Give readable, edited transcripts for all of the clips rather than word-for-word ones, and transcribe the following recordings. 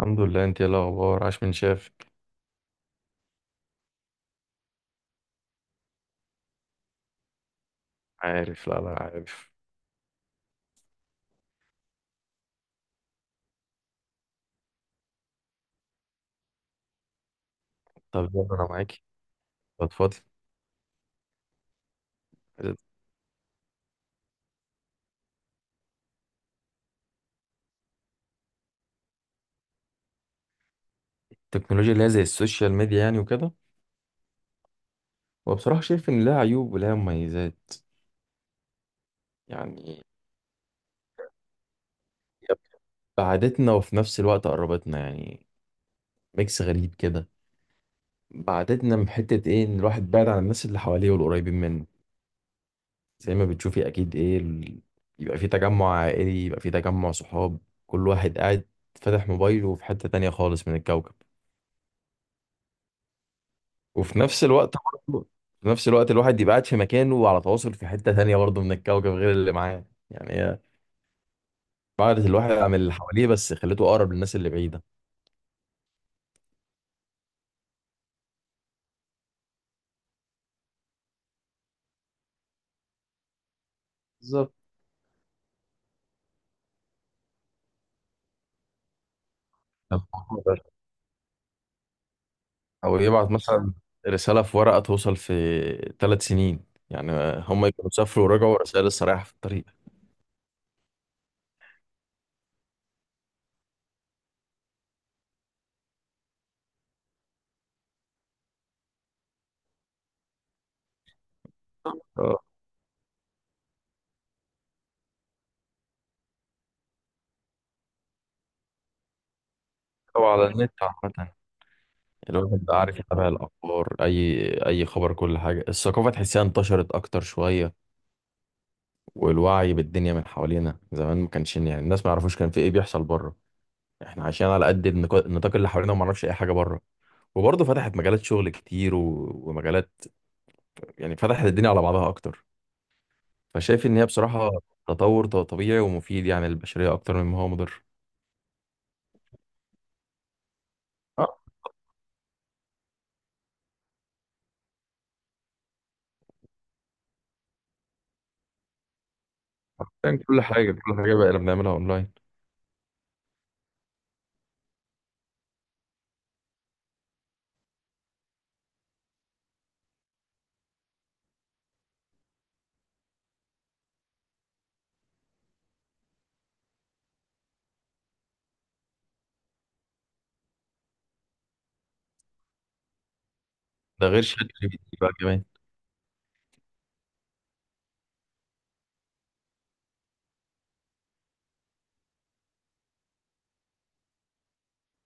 الحمد لله، انت ايه الاخبار؟ عاش من شافك. عارف، لا لا، عارف. طب، يلا، انا معاكي. اتفضل. التكنولوجيا اللي هي زي السوشيال ميديا يعني وكده. وبصراحة شايف ان لها عيوب ولها مميزات. يعني هي بعدتنا وفي نفس الوقت قربتنا، يعني ميكس غريب كده. بعدتنا من حتة ايه، ان الواحد بعد عن الناس اللي حواليه والقريبين منه. زي ما بتشوفي اكيد ايه يبقى في تجمع عائلي، يبقى في تجمع صحاب. كل واحد قاعد فاتح موبايله في حتة تانية خالص من الكوكب. وفي نفس الوقت، برضه في نفس الوقت الواحد يبقى قاعد في مكانه وعلى تواصل في حتة تانية برضه من الكوكب غير اللي معاه. يعني هي بعدت الواحد عن اللي حواليه، بس خليته أقرب للناس اللي بعيدة. بالظبط. أو يبعت مثلا رسالة في ورقة توصل في 3 سنين يعني. هم يكونوا سافروا ورجعوا رسائل لسه رايحة في الطريق. أه. أو على النت عامة. الواحد بقى عارف يتابع الأخبار، أي خبر، كل حاجة. الثقافة تحسها انتشرت أكتر شوية. والوعي بالدنيا من حوالينا، زمان ما كانش يعني الناس ما يعرفوش كان في ايه بيحصل بره. احنا عايشين على قد النطاق اللي حوالينا، وما نعرفش اي حاجه بره. وبرضه فتحت مجالات شغل كتير ومجالات، يعني فتحت الدنيا على بعضها اكتر. فشايف ان هي بصراحه تطور طبيعي ومفيد يعني للبشريه، اكتر مما هو مضر. اه. يعني كل حاجه كل حاجه بقى اللي بنعملها اونلاين. ده غير شات جي بي تي بقى كمان.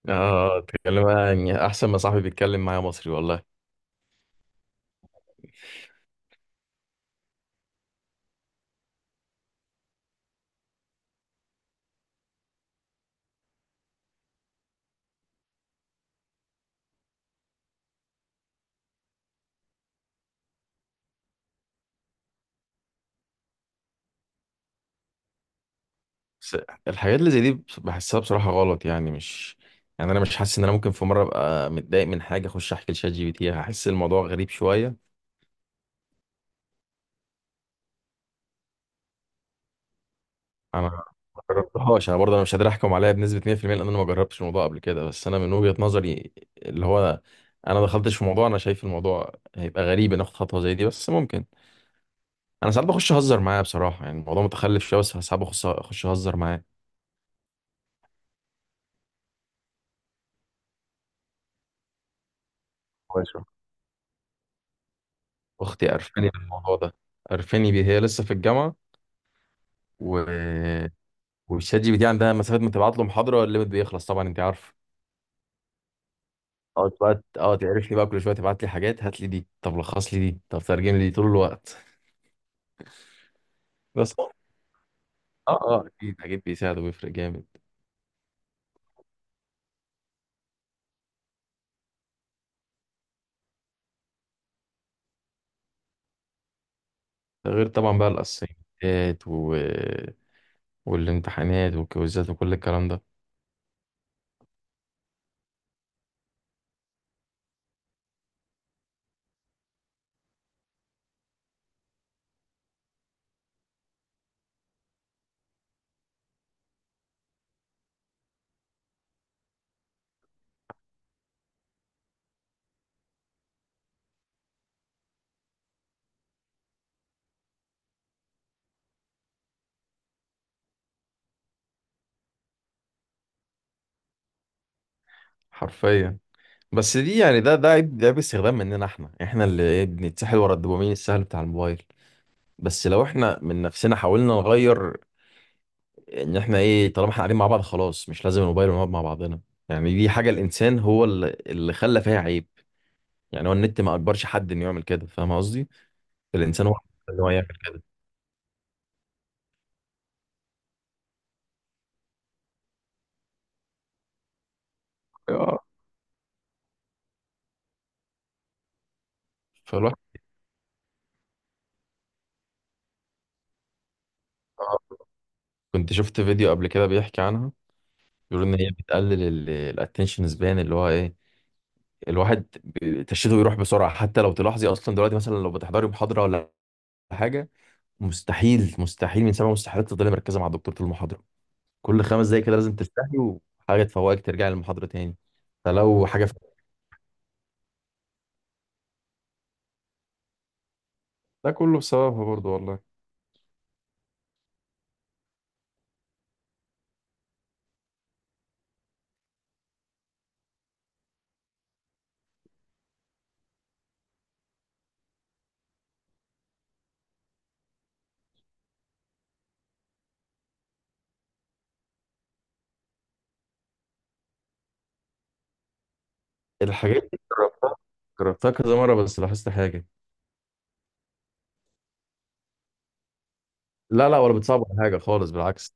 اه، اتكلم يعني احسن ما صاحبي بيتكلم معايا مصري والله. بس الحاجات اللي زي دي بحسها بصراحة غلط يعني مش، يعني انا مش حاسس ان انا ممكن في مرة ابقى متضايق من حاجة اخش احكي لشات جي بي تي. هحس الموضوع غريب شوية. انا ما جربتهاش، انا برضه انا مش قادر احكم عليها بنسبة 100% لان انا ما جربتش الموضوع قبل كده، بس انا من وجهة نظري اللي هو انا دخلتش في موضوع. انا شايف الموضوع هيبقى غريب ان اخد خطوة زي دي، بس ممكن. انا ساعات بخش اهزر معاه بصراحة، يعني الموضوع متخلف شوية، بس ساعات اخش اهزر معاه. كويس. اختي قرفاني بالموضوع ده، قرفاني بيه. هي لسه في الجامعة و والشات جي بي تي عندها مسافه، ما تبعت له محاضره الليمت بيخلص طبعا، انت عارف. اقعد بقى تعرفني بقى كل شويه تبعت لي حاجات، هات لي دي، طب لخص لي دي، طب ترجم لي دي، طول الوقت. بس اه، اه، أه، اكيد اكيد بيساعد وبيفرق جامد. ده غير طبعا بقى الاسايمنتات والامتحانات والكويزات وكل الكلام ده. حرفيا. بس دي يعني ده عيب، استخدام مننا، احنا اللي بنتسحل ورا الدوبامين السهل بتاع الموبايل. بس لو احنا من نفسنا حاولنا نغير، ان احنا طالما احنا قاعدين مع بعض خلاص مش لازم الموبايل، ونقعد مع بعضنا. يعني دي حاجه الانسان هو اللي خلى فيها عيب. يعني هو النت ما اجبرش حد انه يعمل كده، فاهم قصدي؟ الانسان هو اللي هو يعمل كده. اه. فالواحد. آه، كنت شفت فيديو قبل كده بيحكي عنها. بيقول ان هي بتقلل الاتنشن سبان، اللي هو ايه الواحد تشتته، يروح بسرعه. حتى لو تلاحظي اصلا دلوقتي، مثلا لو بتحضري محاضره ولا حاجه، مستحيل مستحيل من سبع مستحيلات تفضلي مركزه مع الدكتور طول المحاضره. كل 5 دقايق كده لازم تستحي وحاجة تفوقك، ترجع للمحاضرة تاني. فلو حاجة فاتتك- ده كله بسببها برضو والله. الحاجات دي جربتها كذا مرة، بس لاحظت حاجة. لا لا، ولا بتصعب ولا حاجة خالص، بالعكس.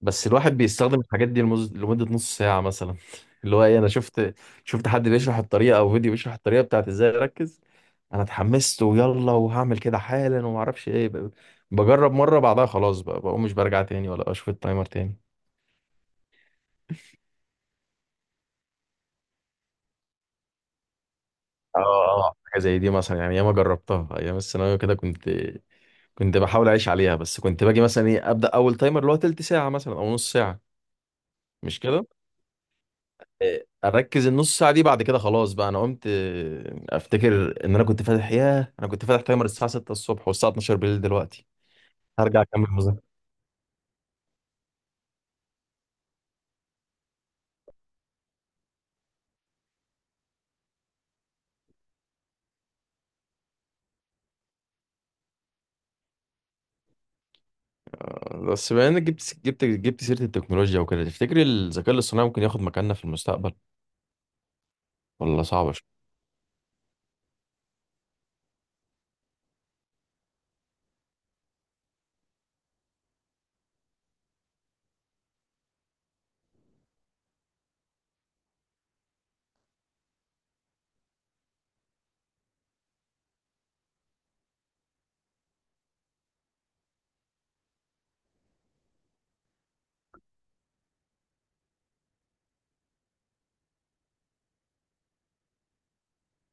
بس الواحد بيستخدم الحاجات دي لمدة نص ساعة مثلا. اللي هو ايه، انا شفت حد بيشرح الطريقة او فيديو بيشرح الطريقة بتاعت ازاي اركز. انا اتحمست، ويلا وهعمل كده حالا وما اعرفش ايه ب-، بجرب مرة، بعدها خلاص بقى بقوم مش برجع تاني ولا اشوف التايمر تاني. اه، اه، حاجه زي دي مثلا. يعني ياما جربتها ايام الثانويه كده، كنت بحاول اعيش عليها، بس كنت باجي مثلا ابدا اول تايمر اللي هو تلت ساعه مثلا او نص ساعه، مش كده. اركز النص ساعه دي، بعد كده خلاص بقى انا قمت افتكر ان انا كنت فاتح، ياه انا كنت فاتح تايمر الساعه 6 الصبح والساعه 12 بالليل دلوقتي هرجع اكمل مذاكره. بس بما انك جبت سيره التكنولوجيا وكده، تفتكر الذكاء الاصطناعي ممكن ياخد مكاننا في المستقبل ولا صعبه شوية؟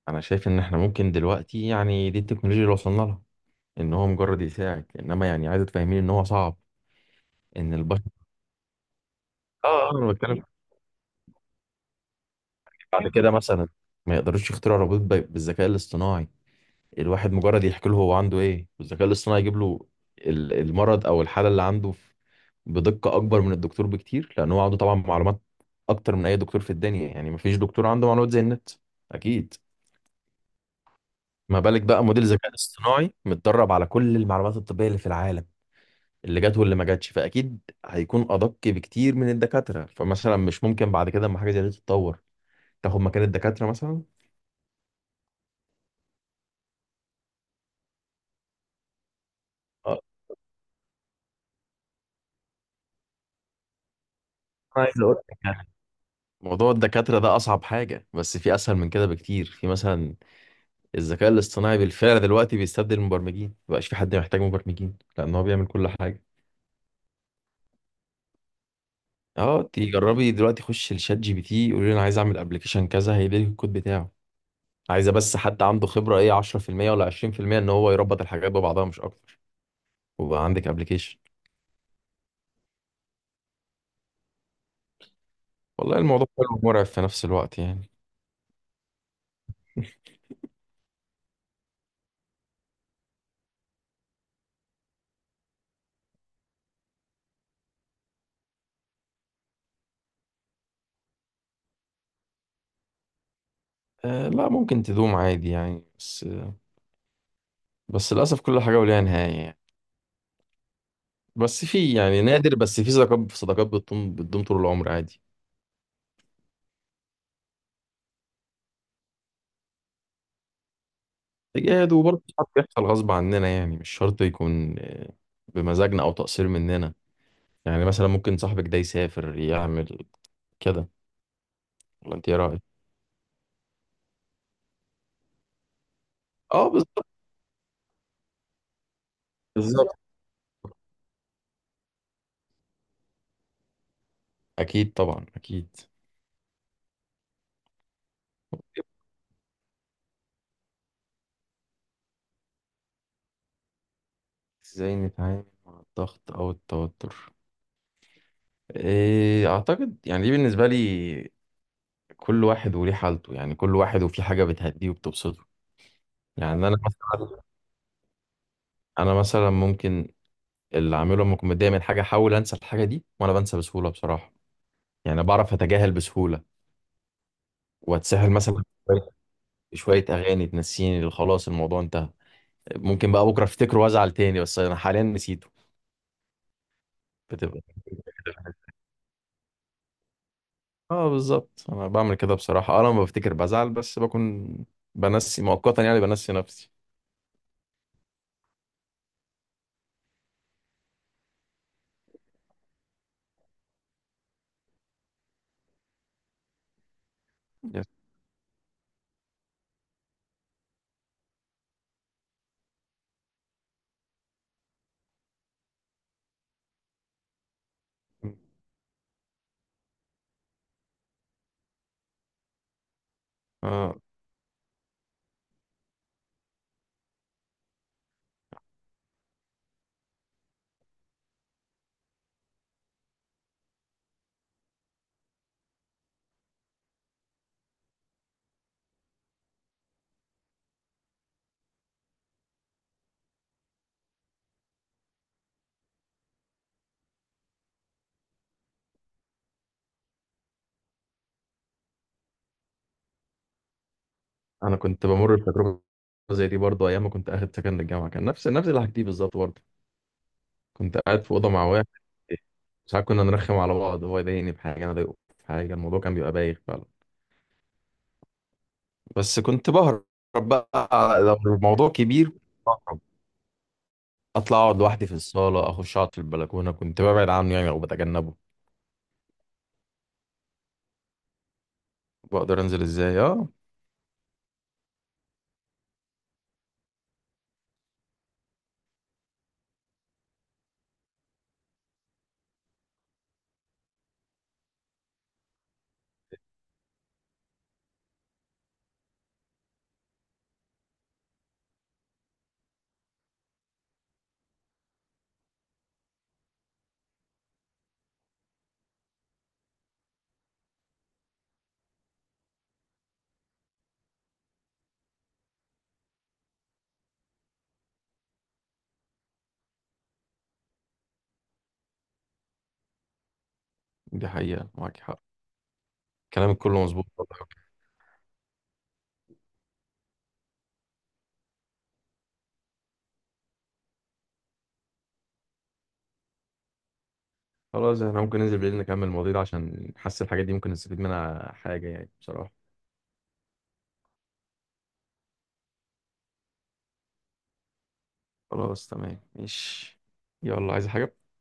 انا شايف ان احنا ممكن دلوقتي، يعني دي التكنولوجيا اللي وصلنا لها، ان هو مجرد يساعد، انما يعني عايز تفهمين ان هو صعب ان البشر، انا بتكلم في، بعد كده مثلا ما يقدروش يخترعوا روبوت بالذكاء الاصطناعي. الواحد مجرد يحكي له هو عنده ايه، والذكاء الاصطناعي يجيب له المرض او الحاله اللي عنده، بدقه اكبر من الدكتور بكتير، لان هو عنده طبعا معلومات اكتر من اي دكتور في الدنيا. يعني ما فيش دكتور عنده معلومات زي النت، اكيد. ما بالك بقى موديل ذكاء اصطناعي متدرب على كل المعلومات الطبيه اللي في العالم، اللي جت واللي ما جاتش، فاكيد هيكون ادق بكتير من الدكاتره. فمثلا مش ممكن بعد كده اما حاجه زي دي تتطور، تاخد مكان الدكاتره مثلا؟ آه، انا عايز اقول لك يعني، موضوع الدكاتره ده اصعب حاجه، بس في اسهل من كده بكتير. في مثلا الذكاء الاصطناعي بالفعل دلوقتي بيستبدل المبرمجين، مبقاش في حد محتاج مبرمجين لان هو بيعمل كل حاجه. اه، تجربي دلوقتي، خش لشات جي بي تي قولي له انا عايز اعمل ابلكيشن كذا، هيديلك الكود بتاعه. عايزه بس حد عنده خبره ايه 10% ولا 20% ان هو يربط الحاجات ببعضها مش اكتر، وبقى عندك ابلكيشن. والله الموضوع حلو ومرعب في نفس الوقت يعني. آه لا، ممكن تدوم عادي يعني، بس للأسف كل حاجة وليها نهاية يعني. بس في يعني نادر، بس في صداقات صداقات بتدوم بتدوم طول العمر عادي. تجاهد، وبرضه ساعات بيحصل غصب عننا، يعني مش شرط يكون بمزاجنا أو تقصير مننا. يعني مثلا ممكن صاحبك ده يسافر، يعمل كده. ولا أنت إيه رأيك؟ أه بالظبط. بالظبط. أكيد طبعا أكيد. ازاي نتعامل مع الضغط او التوتر؟ اعتقد يعني دي بالنسبه لي، كل واحد وليه حالته. يعني كل واحد وفي حاجة بتهديه وبتبسطه. يعني أنا مثلا ممكن، اللي أعمله لما أكون متضايق من حاجة أحاول أنسى الحاجة دي، وأنا بنسى بسهولة بصراحة. يعني بعرف أتجاهل بسهولة، وأتسهل مثلا بشوية. شوية أغاني تنسيني، اللي خلاص الموضوع انتهى. ممكن بقى بكرة أفتكره وأزعل تاني، بس أنا حاليا نسيته. بتبقى. اه بالظبط، أنا بعمل كده بصراحة. أه لما بفتكر بزعل، بس بكون بنسي مؤقتا، يعني بنسي نفسي. يس. اه، انا كنت بمر بتجربه زي دي برضه ايام ما كنت اخد سكن للجامعه. كان نفس اللي حكيتيه بالظبط برضه. كنت قاعد في اوضه مع واحد، ساعات كنا نرخم على بعض، هو يضايقني بحاجه، انا اضايقه بحاجه، الموضوع كان بيبقى بايخ فعلا. بس كنت بهرب بقى، لو الموضوع كبير بهرب، اطلع اقعد لوحدي في الصاله، اخش اقعد في البلكونه، كنت ببعد عنه يعني او بتجنبه. بقدر انزل، ازاي اه. دي حقيقه، معاك حق. كلامك كله مظبوط والله. خلاص احنا ممكن ننزل بالليل نكمل المواضيع ده، عشان حاسس الحاجات دي ممكن نستفيد منها حاجه يعني بصراحه. خلاص تمام ماشي. يلا، عايز حاجة؟